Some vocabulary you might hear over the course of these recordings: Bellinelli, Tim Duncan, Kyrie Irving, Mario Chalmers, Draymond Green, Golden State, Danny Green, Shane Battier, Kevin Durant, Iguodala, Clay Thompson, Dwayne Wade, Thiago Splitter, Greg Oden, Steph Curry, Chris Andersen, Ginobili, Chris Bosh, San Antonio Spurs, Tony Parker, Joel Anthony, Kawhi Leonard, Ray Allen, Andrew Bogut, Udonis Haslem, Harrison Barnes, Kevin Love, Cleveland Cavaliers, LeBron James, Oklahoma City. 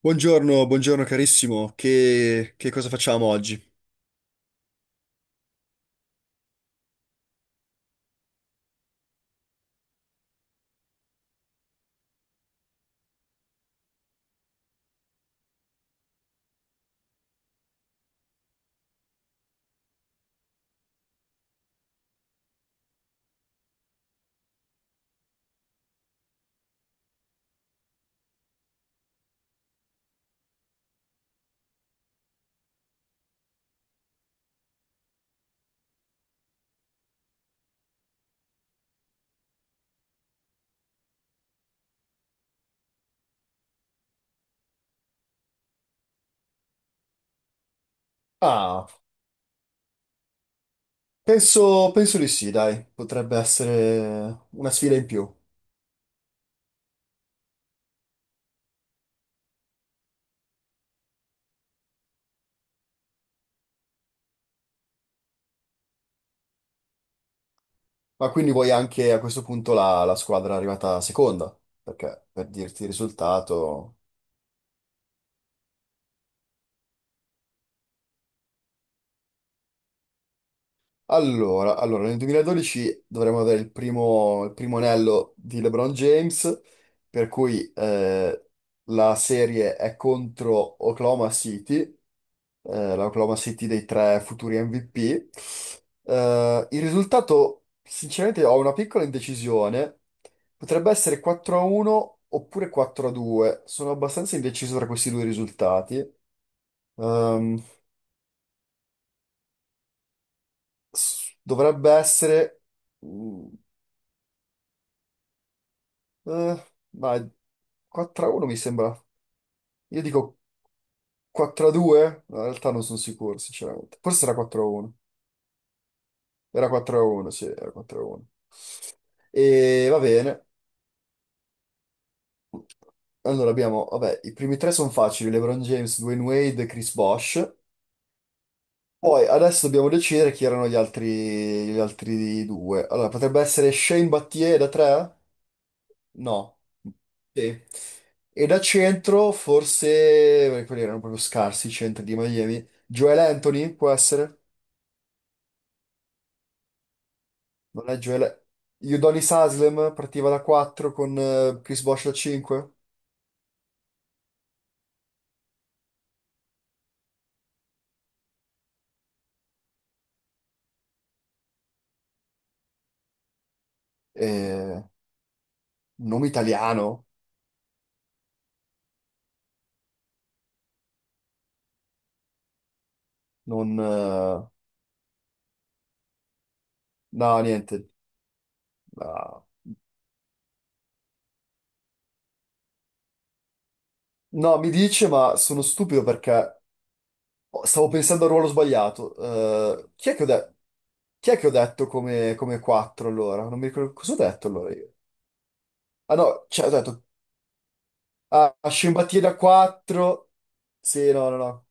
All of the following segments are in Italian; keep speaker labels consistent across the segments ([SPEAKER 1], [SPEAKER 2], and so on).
[SPEAKER 1] Buongiorno, buongiorno carissimo, che cosa facciamo oggi? Ah, penso di sì, dai, potrebbe essere una sfida in più. Ma quindi vuoi anche a questo punto la squadra arrivata seconda? Perché per dirti il risultato. Allora, nel 2012 dovremmo avere il primo anello di LeBron James, per cui la serie è contro Oklahoma City l'Oklahoma City dei tre futuri MVP. Il risultato, sinceramente, ho una piccola indecisione. Potrebbe essere 4-1 oppure 4-2. Sono abbastanza indeciso tra questi due risultati. Ehm, Dovrebbe essere. Mm, eh, ma 4-1 mi sembra. Io dico 4-2? No, in realtà non sono sicuro, sinceramente. Forse era 4-1. Era 4-1, sì, era 4-1. E va bene. Allora abbiamo, vabbè, i primi tre sono facili, LeBron James, Dwayne Wade, Chris Bosh. Poi adesso dobbiamo decidere chi erano gli altri due. Allora, potrebbe essere Shane Battier da tre? No. Sì. E da centro forse, perché quelli erano proprio scarsi i centri di Miami. Joel Anthony può essere? Non è Joel. Udonis Haslem partiva da 4 con Chris Bosh da 5. Eh, nome italiano, non. No, niente. Ah. No, mi dice, ma sono stupido perché stavo pensando al ruolo sbagliato. Chi è che ho detto come 4 allora? Non mi ricordo cosa ho detto allora io. Ah no, cioè ho detto: Ah, scimbattita 4. Sì, no, no, no.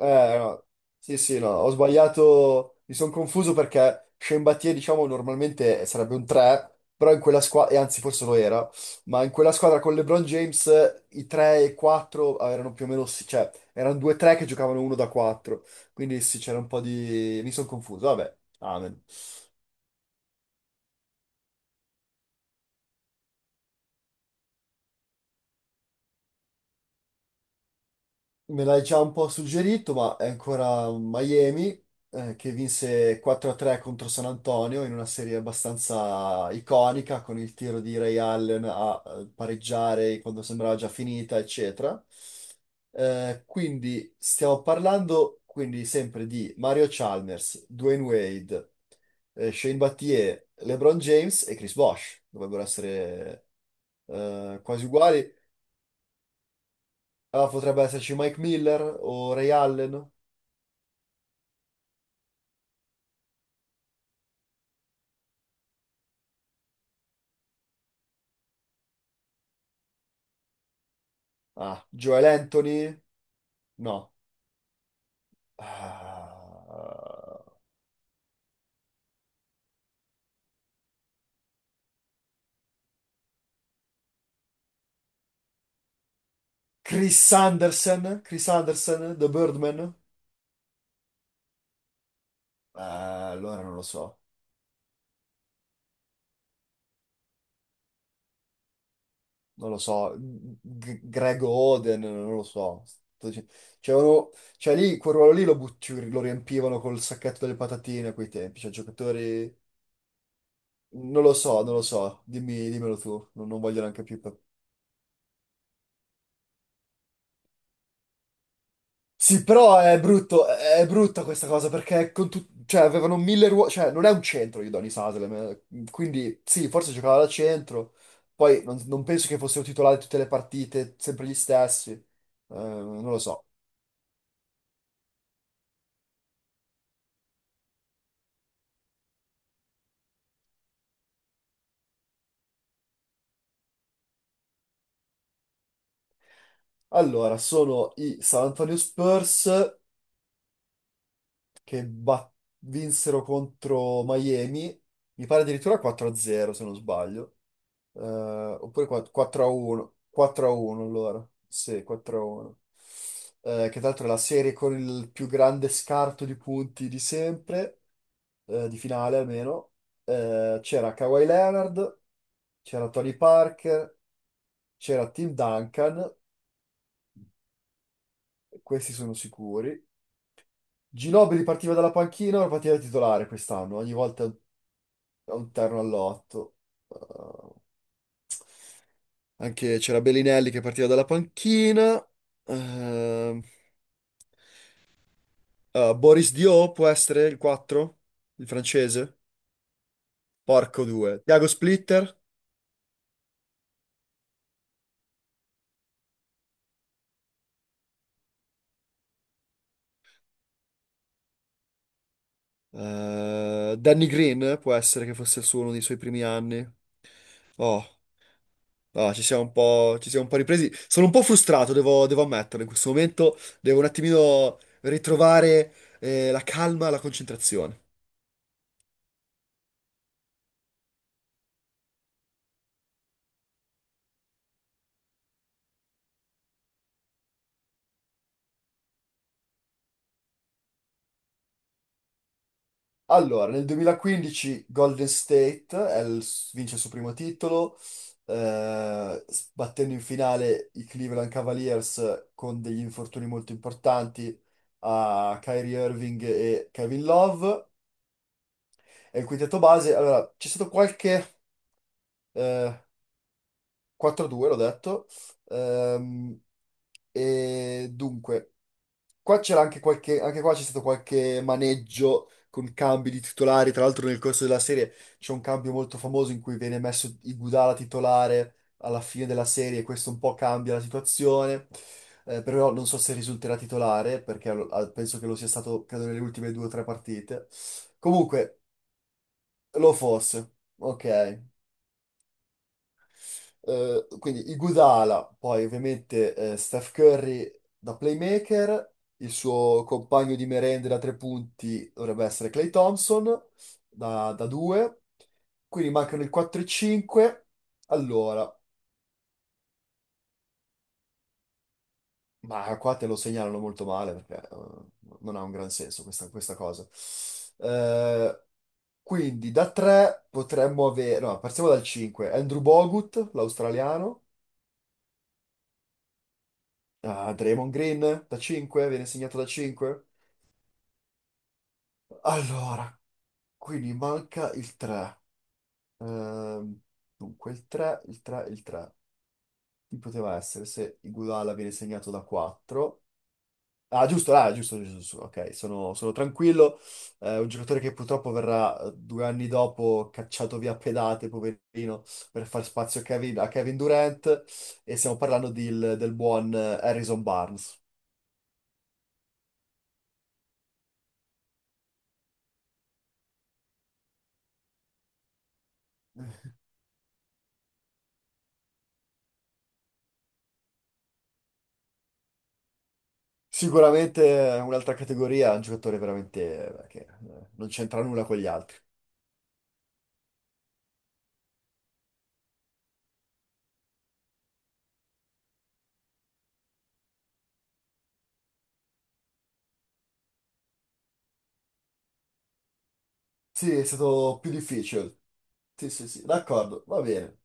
[SPEAKER 1] No. Sì, sì, no, ho sbagliato, mi sono confuso perché Sciembattie, diciamo, normalmente sarebbe un 3, però in quella squadra, e anzi forse lo era, ma in quella squadra con LeBron James i 3 e 4 erano più o meno, sì, cioè, erano 2-3 che giocavano uno da 4, quindi sì, c'era un po' di. Mi sono confuso, vabbè, amen. Me l'hai già un po' suggerito, ma è ancora Miami che vinse 4-3 contro San Antonio in una serie abbastanza iconica con il tiro di Ray Allen a pareggiare quando sembrava già finita, eccetera. Quindi stiamo parlando quindi sempre di Mario Chalmers, Dwayne Wade, Shane Battier, LeBron James e Chris Bosh. Dovrebbero essere quasi uguali. Ah, potrebbe esserci Mike Miller o Ray Allen. Ah, Joel Anthony? No. Ah, Chris Andersen? Chris Andersen, The Birdman? Ah, allora non lo so. Non lo so. Greg Oden, non lo so. Sto dic-. Cioè, uno- cioè lì, quel ruolo lì lo riempivano col sacchetto delle patatine a quei tempi. Cioè, giocatori. Non lo so, non lo so. Dimmelo tu. Non voglio neanche più. Sì, però è brutta questa cosa perché cioè, avevano mille ruoli, cioè non è un centro Udonis Haslem, quindi sì, forse giocava da centro, poi non penso che fossero titolari tutte le partite, sempre gli stessi. Non lo so. Allora, sono i San Antonio Spurs che bat- vinsero contro Miami, mi pare addirittura 4-0 se non sbaglio. Oppure 4-1, 4-1 allora, sì, 4-1. Che tra l'altro è la serie con il più grande scarto di punti di sempre, di finale almeno. C'era Kawhi Leonard, c'era Tony Parker, c'era Tim Duncan, questi sono sicuri. Ginobili partiva dalla panchina, ora partiva da titolare quest'anno, ogni volta a un terno all'otto. Eh, anche c'era Bellinelli che partiva dalla panchina. Ehm, Boris Dio può essere il 4, il francese? Porco 2. Thiago Splitter? Danny Green può essere che fosse il suo uno dei suoi primi anni. Oh, no, ci siamo un po' ripresi. Sono un po' frustrato, devo ammetterlo. In questo momento devo un attimino ritrovare la calma, la concentrazione. Allora, nel 2015 Golden State vince il suo primo titolo, eh, battendo in finale i Cleveland Cavaliers con degli infortuni molto importanti a Kyrie Irving e Kevin Love. E il quintetto base, allora, c'è stato qualche eh, 4-2, l'ho detto. Ehm, e dunque. Qua c'era anche qualche, anche qua c'è stato qualche maneggio con cambi di titolari. Tra l'altro, nel corso della serie c'è un cambio molto famoso in cui viene messo Iguodala titolare alla fine della serie. Questo un po' cambia la situazione. Però non so se risulterà titolare, perché penso che lo sia stato, credo, nelle ultime due o tre partite. Comunque, lo fosse. Ok. Quindi Iguodala, poi ovviamente Steph Curry da playmaker, il suo compagno di merende da tre punti dovrebbe essere Clay Thompson da due, quindi mancano il 4 e 5. Allora, ma qua te lo segnalano molto male perché non ha un gran senso questa cosa. Eh, quindi da 3 potremmo avere, no, partiamo dal 5, Andrew Bogut, l'australiano. Ah, Draymond Green da 5, viene segnato da 5. Allora, quindi manca il 3. Dunque, il 3, il 3, il 3. Chi poteva essere se Iguodala viene segnato da 4? Ah, giusto, giusto, giusto. Ok, sono tranquillo. Un giocatore che purtroppo verrà 2 anni dopo cacciato via a pedate, poverino, per far spazio a Kevin Durant. E stiamo parlando del buon Harrison Barnes. Sicuramente un'altra categoria, un giocatore veramente che non c'entra nulla con gli altri. Sì, è stato più difficile. Sì, sì, sì, d'accordo, va bene.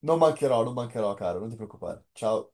[SPEAKER 1] Non mancherò, non mancherò, caro, non ti preoccupare. Ciao.